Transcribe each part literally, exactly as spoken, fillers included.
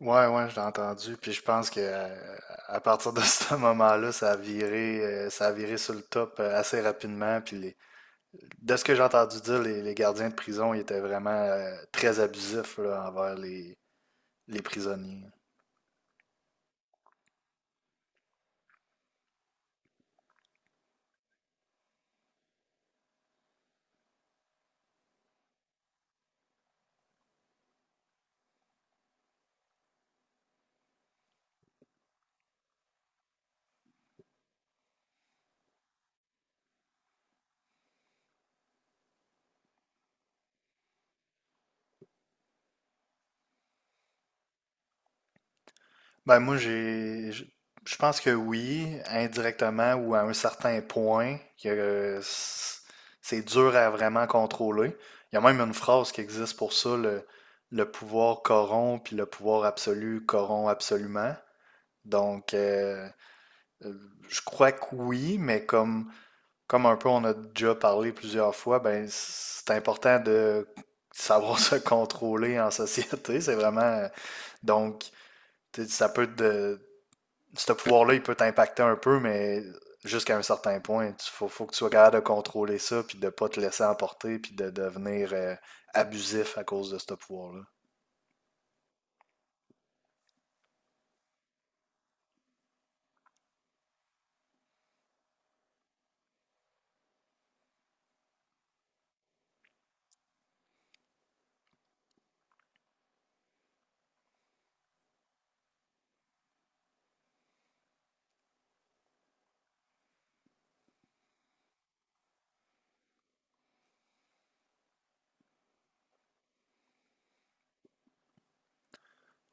Ouais, ouais, je l'ai entendu. Puis je pense que euh, à partir de ce moment-là, ça a viré, euh, ça a viré sur le top euh, assez rapidement. Puis les- de ce que j'ai entendu dire, les, les gardiens de prison, ils étaient vraiment euh, très abusifs là, envers les, les prisonniers. Ben moi, j'ai, je je pense que oui, indirectement ou à un certain point, que euh, c- c'est dur à vraiment contrôler. Il y a même une phrase qui existe pour ça, le, le pouvoir corrompt, puis le pouvoir absolu corrompt absolument. Donc, euh, euh, je crois que oui, mais comme, comme un peu on a déjà parlé plusieurs fois, ben, c'est important de savoir se contrôler en société. C'est vraiment. euh, Donc, Tu sais, ça peut te. Ce pouvoir-là, il peut t'impacter un peu, mais jusqu'à un certain point, il faut, faut que tu sois capable de contrôler ça, puis de pas te laisser emporter, puis de devenir euh, abusif à cause de ce pouvoir-là.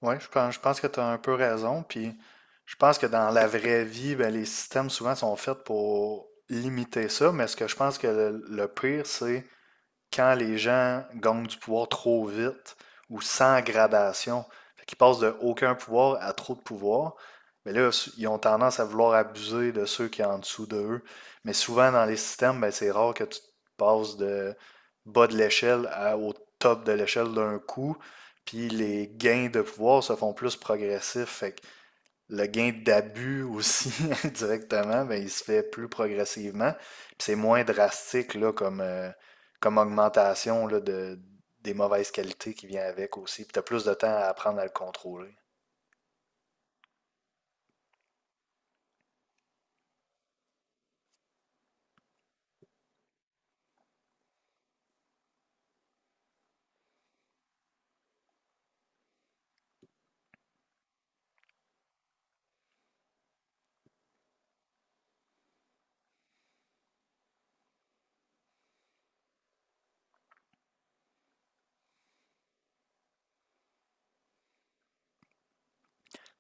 Oui, je pense, je pense que tu as un peu raison. Puis je pense que dans la vraie vie, ben, les systèmes souvent sont faits pour limiter ça. Mais ce que je pense que le, le pire, c'est quand les gens gagnent du pouvoir trop vite ou sans gradation, fait qu'ils passent de aucun pouvoir à trop de pouvoir, mais là, ils ont tendance à vouloir abuser de ceux qui sont en dessous de eux. Mais souvent, dans les systèmes, ben, c'est rare que tu passes de bas de l'échelle à- au top de l'échelle d'un coup. Puis les gains de pouvoir se font plus progressifs. Fait que le gain d'abus aussi directement, ben, il se fait plus progressivement. Puis c'est moins drastique là, comme, euh, comme augmentation là, de, des mauvaises qualités qui vient avec aussi. Puis tu as plus de temps à apprendre à le contrôler.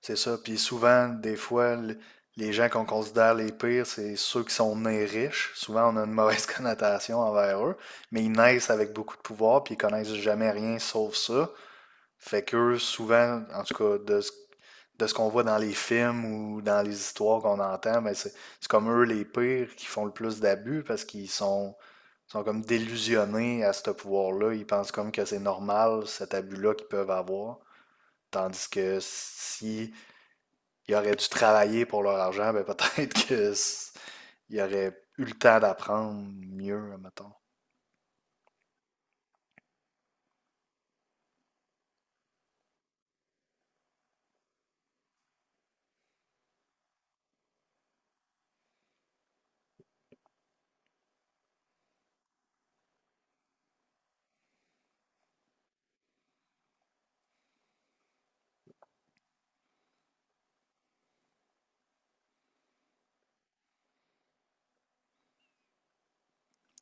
C'est ça. Puis souvent, des fois, le- les gens qu'on considère les pires, c'est ceux qui sont nés riches. Souvent, on a une mauvaise connotation envers eux, mais ils naissent avec beaucoup de pouvoir, puis ils connaissent jamais rien sauf ça. Fait qu'eux, souvent, en tout cas, de ce, de ce qu'on voit dans les films ou dans les histoires qu'on entend, ben c'est c'est comme eux les pires qui font le plus d'abus parce qu'ils sont, sont comme délusionnés à ce pouvoir-là. Ils pensent comme que c'est normal cet abus-là qu'ils peuvent avoir. Tandis que si ils auraient dû travailler pour leur argent, ben peut-être qu'ils auraient eu le temps d'apprendre mieux, mettons.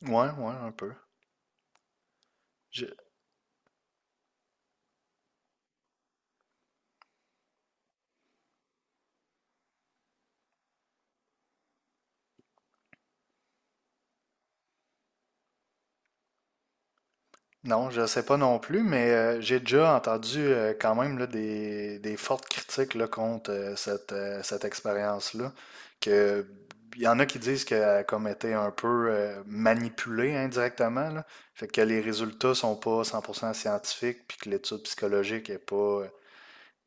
Ouais, ouais, un peu. Je- Non, je sais pas non plus, mais euh, j'ai déjà entendu euh, quand même là, des, des fortes critiques là, contre euh, cette, euh, cette expérience-là. Que il y en a qui disent qu'elle a comme été un peu euh, manipulée indirectement, là. Fait que les résultats sont pas cent pour cent scientifiques, puis que l'étude psychologique est pas euh,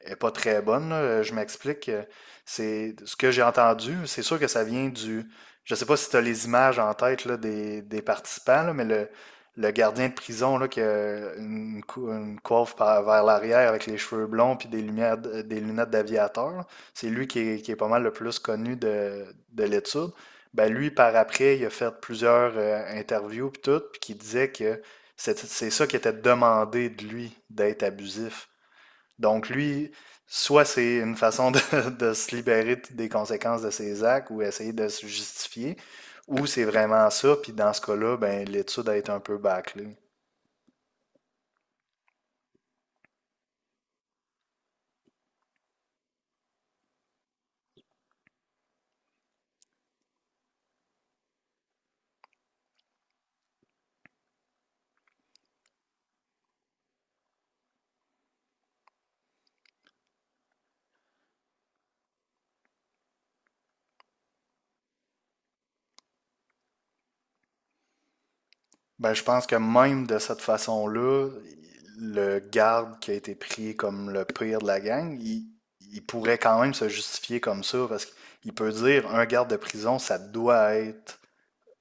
est pas très bonne. Là. Euh, Je m'explique. euh, C'est ce que j'ai entendu. C'est sûr que ça vient du. Je sais pas si tu as les images en tête là, des, des participants, là, mais le, le gardien de prison là, qui a une, cou- une coiffe par- vers l'arrière avec les cheveux blonds puis des lumières, d- des lunettes d'aviateur, là, c'est lui qui est, qui est pas mal le plus connu de, de l'étude. Ben lui, par après, il a fait plusieurs euh, interviews puis tout, puis qui disait que c'est c'est ça qui était demandé de lui, d'être abusif. Donc lui, soit c'est une façon de, de se libérer des conséquences de ses actes ou essayer de se justifier, ou c'est vraiment ça, puis dans ce cas-là, ben, l'étude a été un peu bâclée. Ben, je pense que même de cette façon-là, le garde qui a été pris comme le pire de la gang, il, il pourrait quand même se justifier comme ça, parce qu'il peut dire un garde de prison, ça doit être,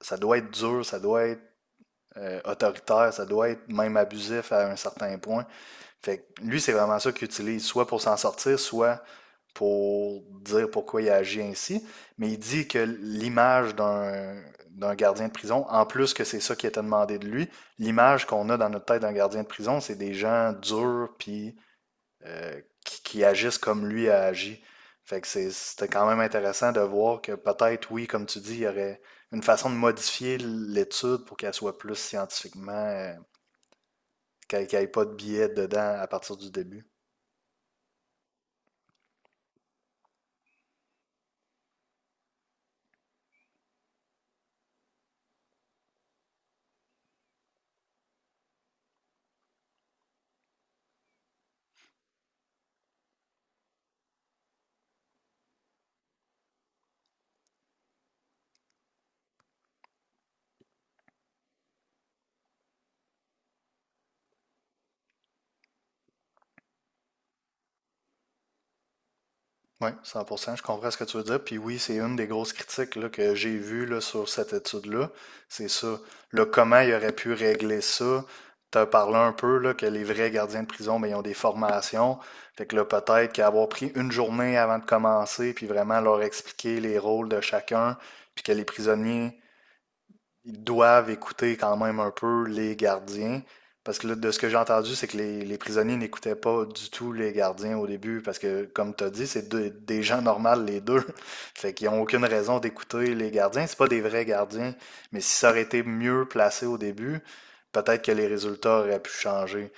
ça doit être dur, ça doit être euh, autoritaire, ça doit être même abusif à un certain point. Fait que lui, c'est vraiment ça qu'il utilise, soit pour s'en sortir, soit pour dire pourquoi il a agi ainsi. Mais il dit que l'image d'un d'un gardien de prison, en plus que c'est ça qui était demandé de lui, l'image qu'on a dans notre tête d'un gardien de prison, c'est des gens durs puis euh, qui, qui agissent comme lui a agi. Fait que c'est- c'était quand même intéressant de voir que peut-être, oui, comme tu dis, il y aurait une façon de modifier l'étude pour qu'elle soit plus scientifiquement, euh, qu'elle n'ait pas de biais dedans à partir du début. Oui, cent pour cent, je comprends ce que tu veux dire. Puis oui, c'est une des grosses critiques là, que j'ai vues là, sur cette étude-là. C'est ça. Le comment il aurait pu régler ça. Tu as parlé un peu là, que les vrais gardiens de prison, ben, ils ont des formations. Fait que là, peut-être qu'avoir pris une journée avant de commencer, puis vraiment leur expliquer les rôles de chacun, puis que les prisonniers ils doivent écouter quand même un peu les gardiens. Parce que là, de ce que j'ai entendu, c'est que les, les prisonniers n'écoutaient pas du tout les gardiens au début, parce que, comme tu as dit, c'est deux- des gens normaux, les deux. Fait qu'ils n'ont aucune raison d'écouter les gardiens. C'est pas des vrais gardiens. Mais si ça aurait été mieux placé au début, peut-être que les résultats auraient pu changer.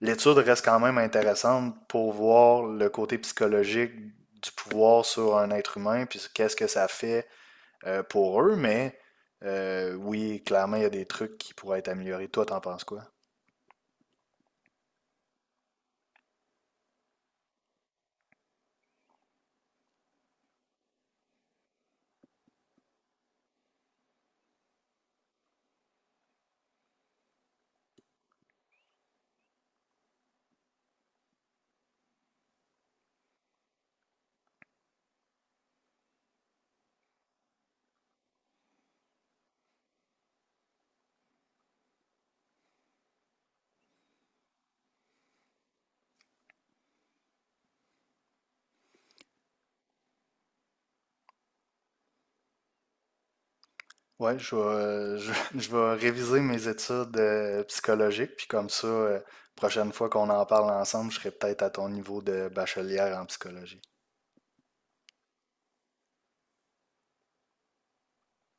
L'étude reste quand même intéressante pour voir le côté psychologique du pouvoir sur un être humain, puis qu'est-ce que ça fait euh, pour eux, mais euh, oui, clairement, il y a des trucs qui pourraient être améliorés. Toi, t'en penses quoi? Ouais, je vais, euh, je, je vais réviser mes études euh, psychologiques, puis comme ça, euh, prochaine fois qu'on en parle ensemble, je serai peut-être à ton niveau de bachelière en psychologie.